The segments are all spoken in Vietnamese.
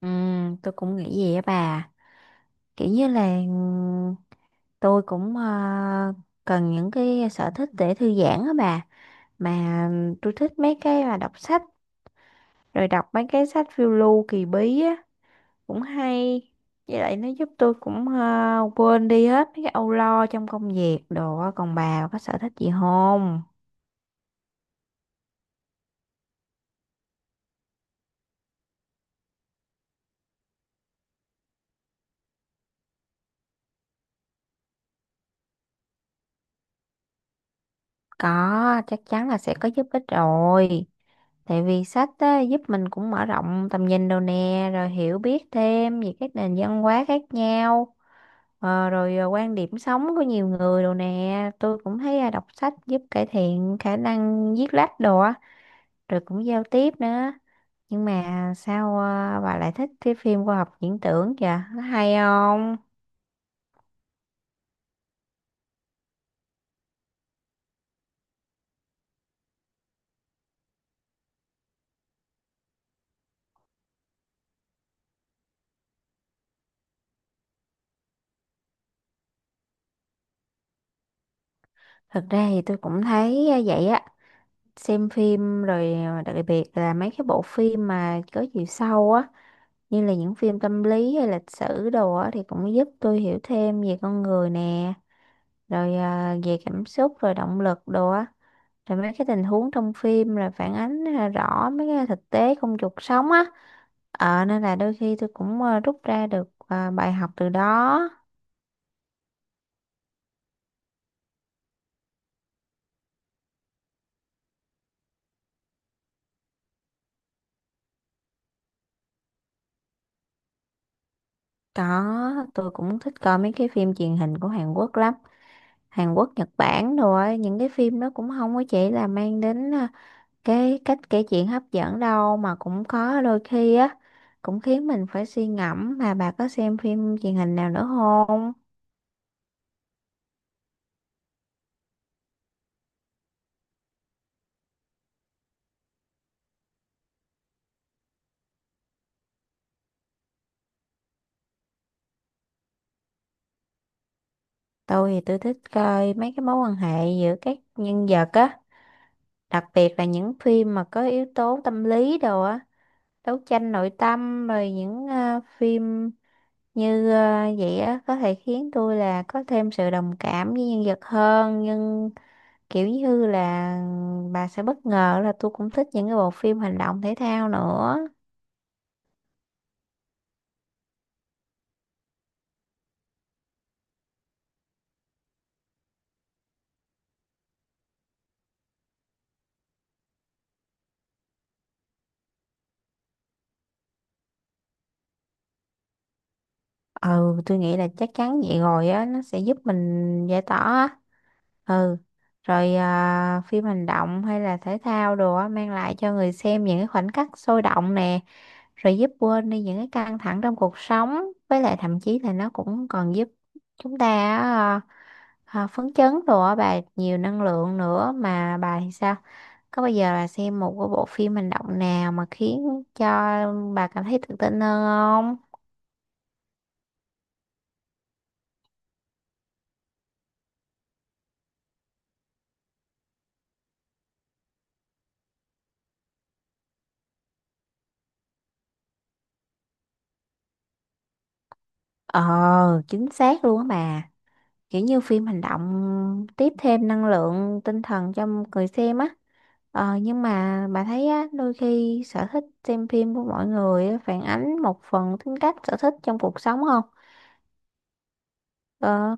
Ừ, tôi cũng nghĩ vậy á bà, kiểu như là tôi cũng cần những cái sở thích để thư giãn á bà. Mà tôi thích mấy cái mà đọc sách, rồi đọc mấy cái sách phiêu lưu kỳ bí á, cũng hay. Với lại nó giúp tôi cũng quên đi hết mấy cái âu lo trong công việc đồ á. Còn bà có sở thích gì không? Có, chắc chắn là sẽ có giúp ích rồi. Tại vì sách á, giúp mình cũng mở rộng tầm nhìn đồ nè, rồi hiểu biết thêm về các nền văn hóa khác nhau, rồi quan điểm sống của nhiều người đồ nè. Tôi cũng thấy à, đọc sách giúp cải thiện khả năng viết lách đồ á, rồi cũng giao tiếp nữa. Nhưng mà sao bà lại thích cái phim khoa học viễn tưởng kìa, nó hay không? Thực ra thì tôi cũng thấy à, vậy á, xem phim rồi à, đặc biệt là mấy cái bộ phim mà có chiều sâu á, như là những phim tâm lý hay lịch sử đồ á, thì cũng giúp tôi hiểu thêm về con người nè, rồi à, về cảm xúc rồi động lực đồ á, rồi mấy cái tình huống trong phim là phản ánh à, rõ mấy cái thực tế trong cuộc sống á. Ờ, nên là đôi khi tôi cũng à, rút ra được à, bài học từ đó. Có, tôi cũng thích coi mấy cái phim truyền hình của Hàn Quốc lắm. Hàn Quốc, Nhật Bản, rồi những cái phim đó cũng không có chỉ là mang đến à, cái cách kể chuyện hấp dẫn đâu, mà cũng có đôi khi á cũng khiến mình phải suy ngẫm. Mà bà có xem phim truyền hình nào nữa không? Tôi thì tôi thích coi mấy cái mối quan hệ giữa các nhân vật á, đặc biệt là những phim mà có yếu tố tâm lý đồ á, đấu tranh nội tâm, rồi những phim như vậy á có thể khiến tôi là có thêm sự đồng cảm với nhân vật hơn. Nhưng kiểu như là bà sẽ bất ngờ là tôi cũng thích những cái bộ phim hành động thể thao nữa. Ừ, tôi nghĩ là chắc chắn vậy rồi á, nó sẽ giúp mình giải tỏa á. Ừ, rồi à, phim hành động hay là thể thao đồ á mang lại cho người xem những cái khoảnh khắc sôi động nè, rồi giúp quên đi những cái căng thẳng trong cuộc sống. Với lại thậm chí là nó cũng còn giúp chúng ta á, à, phấn chấn đồ á bà, nhiều năng lượng nữa. Mà bà thì sao, có bao giờ bà xem một cái bộ phim hành động nào mà khiến cho bà cảm thấy tự tin hơn không? Ờ, chính xác luôn á bà. Kiểu như phim hành động tiếp thêm năng lượng tinh thần cho người xem á. Ờ, nhưng mà bà thấy á, đôi khi sở thích xem phim của mọi người á, phản ánh một phần tính cách sở thích trong cuộc sống không? Ờ,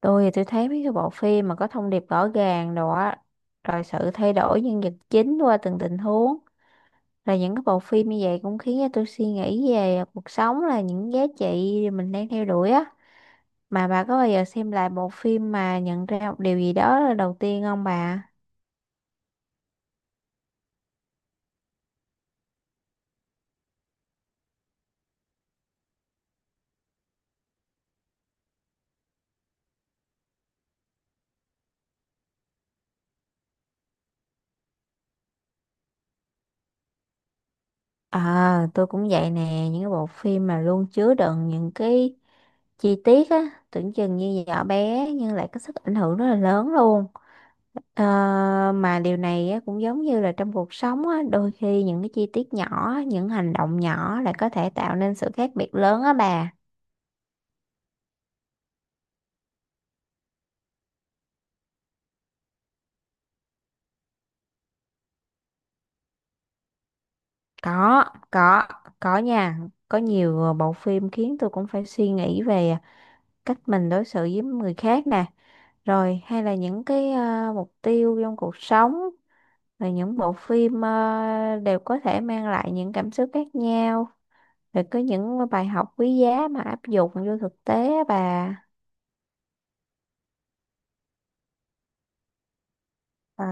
tôi thì tôi thấy mấy cái bộ phim mà có thông điệp rõ ràng đồ á, rồi sự thay đổi nhân vật chính qua từng tình huống, rồi những cái bộ phim như vậy cũng khiến cho tôi suy nghĩ về cuộc sống, là những giá trị mình đang theo đuổi á. Mà bà có bao giờ xem lại bộ phim mà nhận ra một điều gì đó là đầu tiên không bà? Ờ, tôi cũng vậy nè, những cái bộ phim mà luôn chứa đựng những cái chi tiết á, tưởng chừng như nhỏ bé nhưng lại có sức ảnh hưởng rất là lớn luôn. Ờ, mà điều này á, cũng giống như là trong cuộc sống á, đôi khi những cái chi tiết nhỏ, những hành động nhỏ lại có thể tạo nên sự khác biệt lớn á bà. Có, có, có nha. Có nhiều bộ phim khiến tôi cũng phải suy nghĩ về cách mình đối xử với người khác nè, rồi hay là những cái mục tiêu trong cuộc sống, rồi những bộ phim đều có thể mang lại những cảm xúc khác nhau, rồi có những bài học quý giá mà áp dụng vô thực tế á bà. Ờ,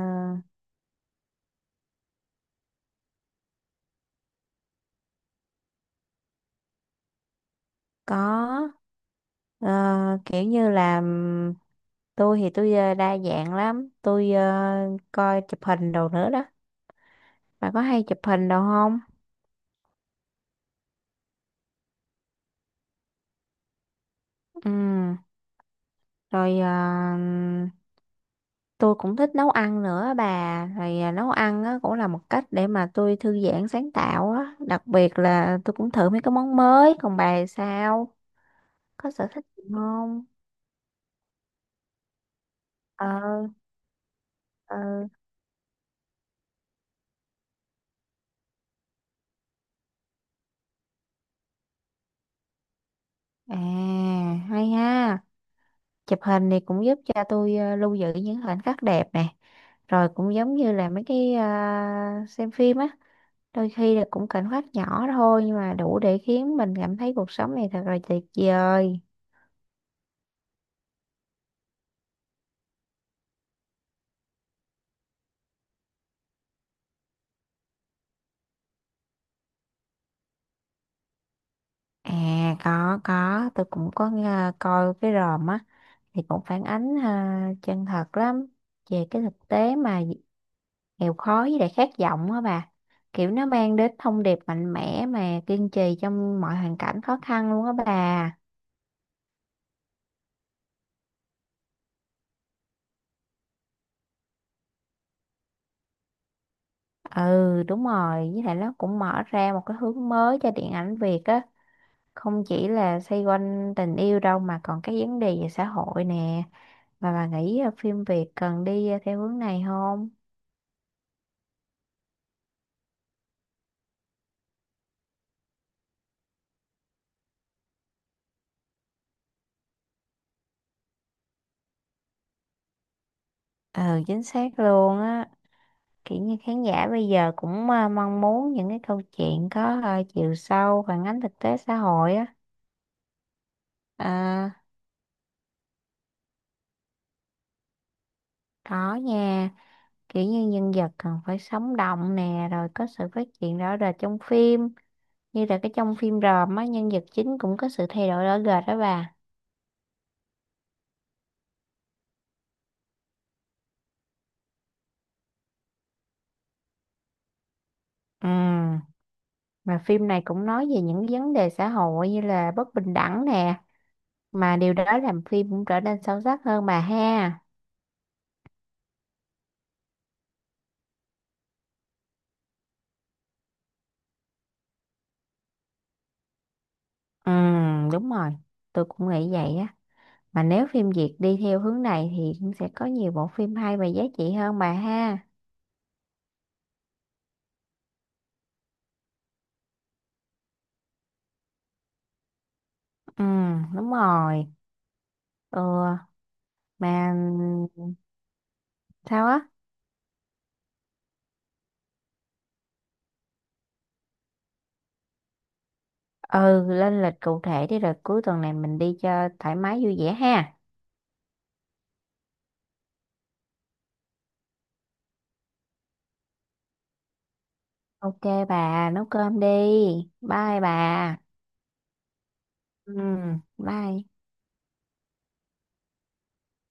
có. Ờ, kiểu như là tôi thì tôi đa dạng lắm, tôi coi chụp hình đồ nữa đó. Bà có hay chụp hình đồ không? Ừ, rồi tôi cũng thích nấu ăn nữa á bà. Thì à, nấu ăn á, cũng là một cách để mà tôi thư giãn sáng tạo á, đặc biệt là tôi cũng thử mấy cái món mới. Còn bà thì sao, có sở thích gì không? Ờ, ờ, à, hay ha. Chụp hình thì cũng giúp cho tôi à, lưu giữ những khoảnh khắc đẹp nè, rồi cũng giống như là mấy cái à, xem phim á, đôi khi là cũng khoảnh khắc nhỏ thôi nhưng mà đủ để khiến mình cảm thấy cuộc sống này thật là tuyệt vời. À, có, tôi cũng có nghe, coi cái ròm á, thì cũng phản ánh à, chân thật lắm về cái thực tế mà nghèo khó với lại khát vọng á bà. Kiểu nó mang đến thông điệp mạnh mẽ mà kiên trì trong mọi hoàn cảnh khó khăn luôn á bà. Ừ, đúng rồi, với lại nó cũng mở ra một cái hướng mới cho điện ảnh Việt á, không chỉ là xoay quanh tình yêu đâu mà còn cái vấn đề về xã hội nè. Mà bà nghĩ à, phim Việt cần đi à, theo hướng này không? Ừ, chính xác luôn á. Kiểu như khán giả bây giờ cũng à, mong muốn những cái câu chuyện có à, chiều sâu phản ánh thực tế xã hội á, à, đó nha. Kiểu như nhân vật cần phải sống động nè, rồi có sự phát triển rõ rệt trong phim, như là cái trong phim ròm á, nhân vật chính cũng có sự thay đổi rõ rệt đó bà. Ừ, mà phim này cũng nói về những vấn đề xã hội như là bất bình đẳng nè, mà điều đó làm phim cũng trở nên sâu sắc hơn bà ha. Ừ, đúng rồi, tôi cũng nghĩ vậy á. Mà nếu phim Việt đi theo hướng này thì cũng sẽ có nhiều bộ phim hay và giá trị hơn bà ha. Ừ, đúng rồi. Ừ, mà sao á? Ừ, lên lịch cụ thể đi, rồi cuối tuần này mình đi cho thoải mái vui vẻ ha. Ok bà, nấu cơm đi. Bye bà. Ừ, bye.